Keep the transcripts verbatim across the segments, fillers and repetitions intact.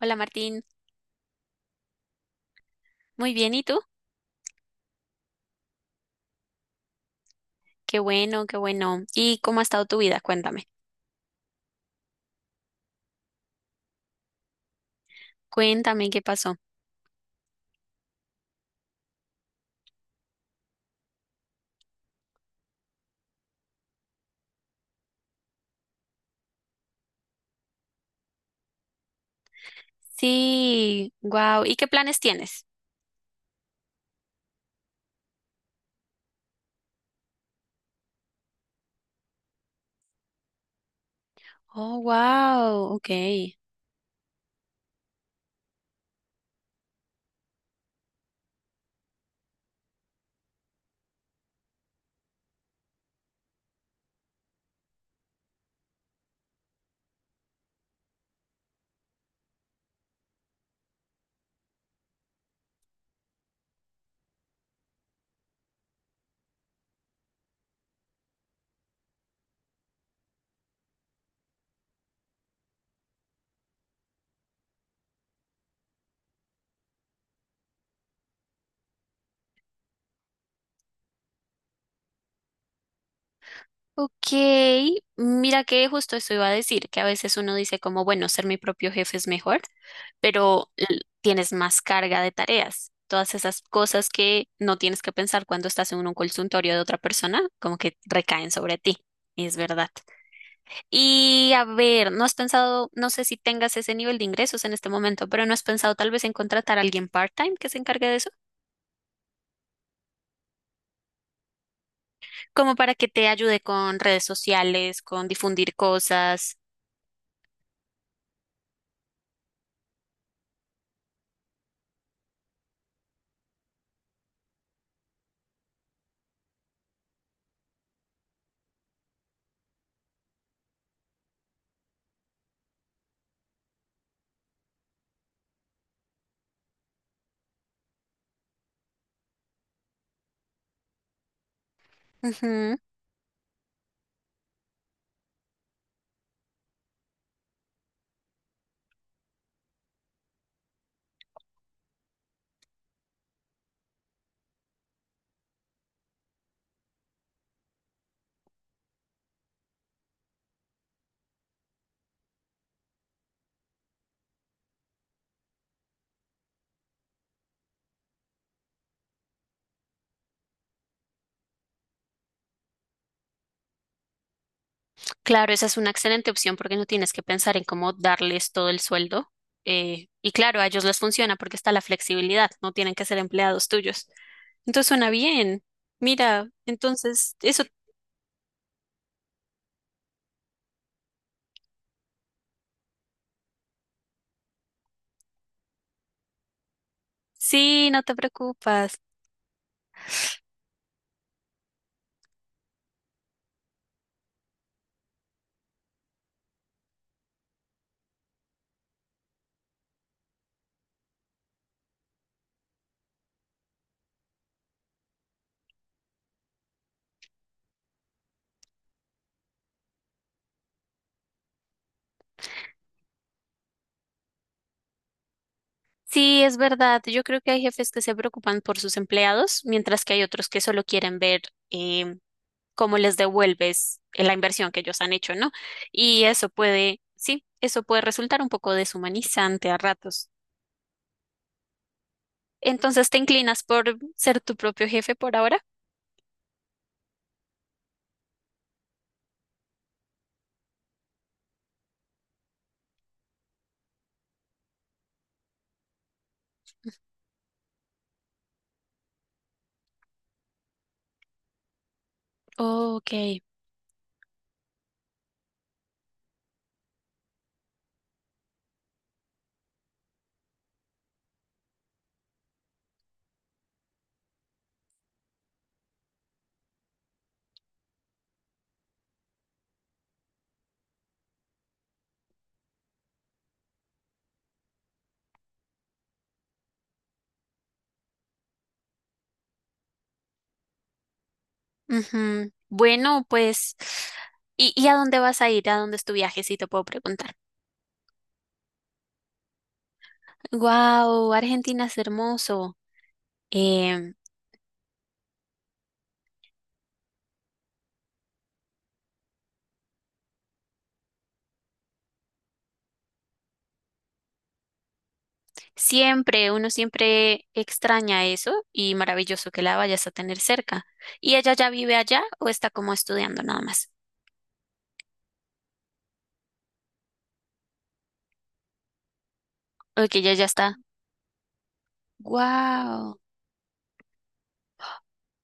Hola Martín, muy bien, ¿y tú? Qué bueno, qué bueno. ¿Y cómo ha estado tu vida? Cuéntame, cuéntame qué pasó. Sí, wow. ¿Y qué planes tienes? Oh, wow, ok. Ok, mira que justo eso iba a decir, que a veces uno dice como, bueno, ser mi propio jefe es mejor, pero l- tienes más carga de tareas. Todas esas cosas que no tienes que pensar cuando estás en un consultorio de otra persona, como que recaen sobre ti. Es verdad. Y a ver, ¿no has pensado, no sé si tengas ese nivel de ingresos en este momento, pero ¿no has pensado tal vez en contratar a alguien part-time que se encargue de eso? Como para que te ayude con redes sociales, con difundir cosas. Ujú. Claro, esa es una excelente opción porque no tienes que pensar en cómo darles todo el sueldo. Eh, y claro, a ellos les funciona porque está la flexibilidad, no tienen que ser empleados tuyos. Entonces suena bien. Mira, entonces, eso sí, no te preocupas. Sí, es verdad. Yo creo que hay jefes que se preocupan por sus empleados, mientras que hay otros que solo quieren ver em, cómo les devuelves eh, la inversión que ellos han hecho, ¿no? Y eso puede, sí, eso puede resultar un poco deshumanizante a ratos. Entonces, ¿te inclinas por ser tu propio jefe por ahora? Ok. Ujú. Bueno, pues, ¿y, y a dónde vas a ir? ¿A dónde es tu viaje? Si te puedo preguntar. Wow, Argentina es hermoso. Siempre, uno siempre extraña eso y maravilloso que la vayas a tener cerca. ¿Y ella ya vive allá o está como estudiando nada más? O que ella ya está. Wow,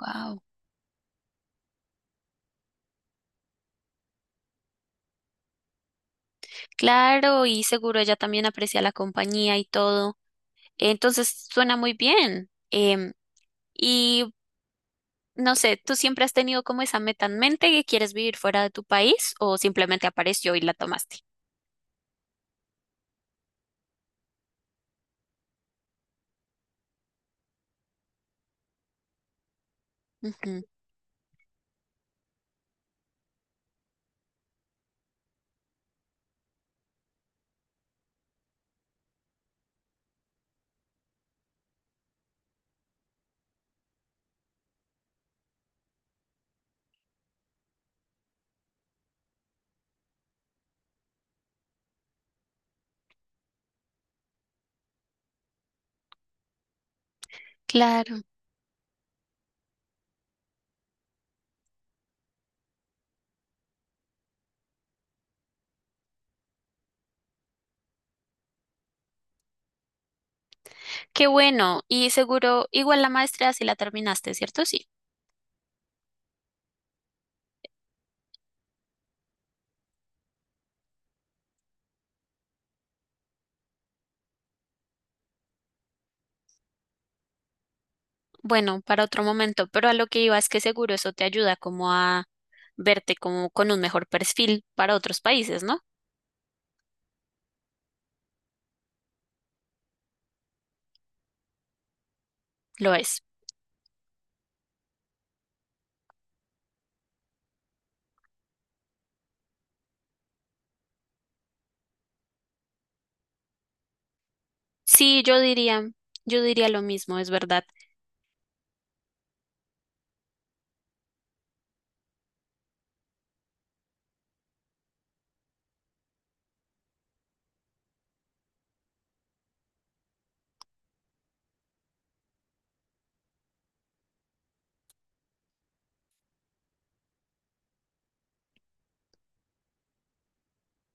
wow. Claro, y seguro ella también aprecia la compañía y todo. Entonces suena muy bien. Em, y no sé, ¿tú siempre has tenido como esa meta en mente que quieres vivir fuera de tu país o simplemente apareció y la tomaste? Ujú, claro, qué bueno. Y seguro, igual la maestría si la terminaste, ¿cierto? Sí. Bueno, para otro momento, pero a lo que iba es que seguro eso te ayuda como a verte como con un mejor perfil para otros países, ¿no? Lo es. Sí, yo diría, yo diría lo mismo, es verdad.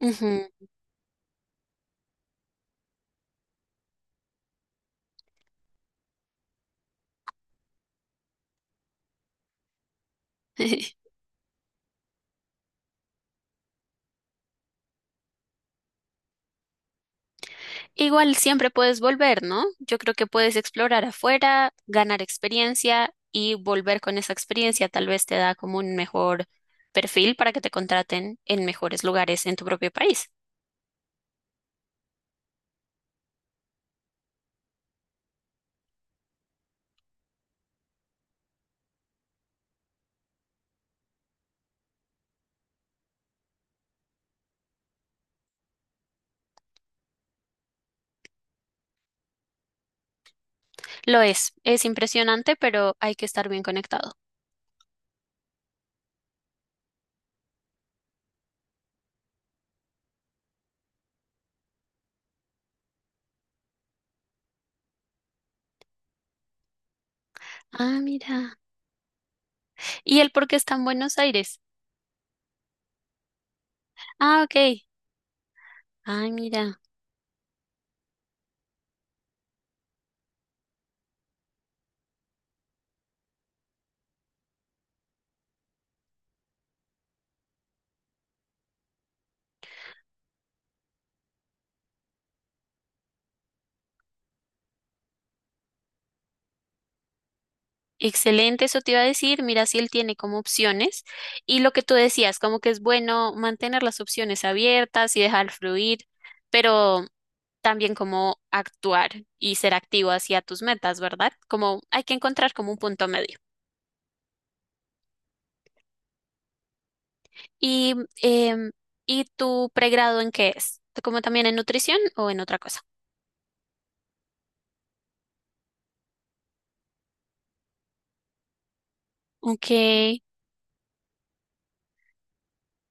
Ujú. Igual siempre puedes volver, ¿no? Yo creo que puedes explorar afuera, ganar experiencia y volver con esa experiencia tal vez te da como un mejor perfil para que te contraten en mejores lugares en tu propio país. Lo es, es impresionante, pero hay que estar bien conectado. Ah, mira. ¿Y el por qué está en Buenos Aires? Ah, ok. Ah, mira. Excelente, eso te iba a decir. Mira si él tiene como opciones. Y lo que tú decías, como que es bueno mantener las opciones abiertas y dejar fluir, pero también como actuar y ser activo hacia tus metas, ¿verdad? Como hay que encontrar como un punto medio. ¿Y, em, ¿y tu pregrado en qué es? ¿Como también en nutrición o en otra cosa? Ok.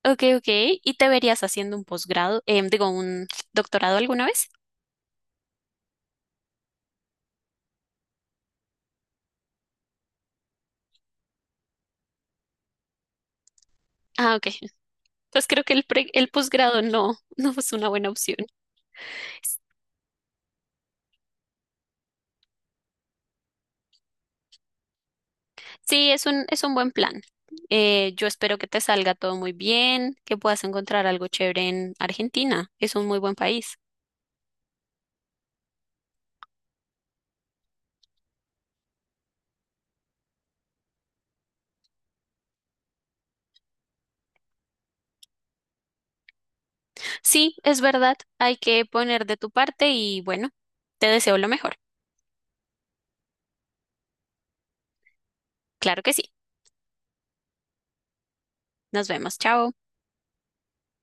Ok, ok. ¿Y te verías haciendo un posgrado, em, digo, un doctorado alguna vez? Ah, ok. Pues creo que el, pre- el posgrado no, no es una buena opción. Sí, es un, es un buen plan. Eh, yo espero que te salga todo muy bien, que puedas encontrar algo chévere en Argentina. Es un muy buen país. Sí, es verdad. Hay que poner de tu parte y bueno, te deseo lo mejor. Claro que sí. Nos vemos. Chao.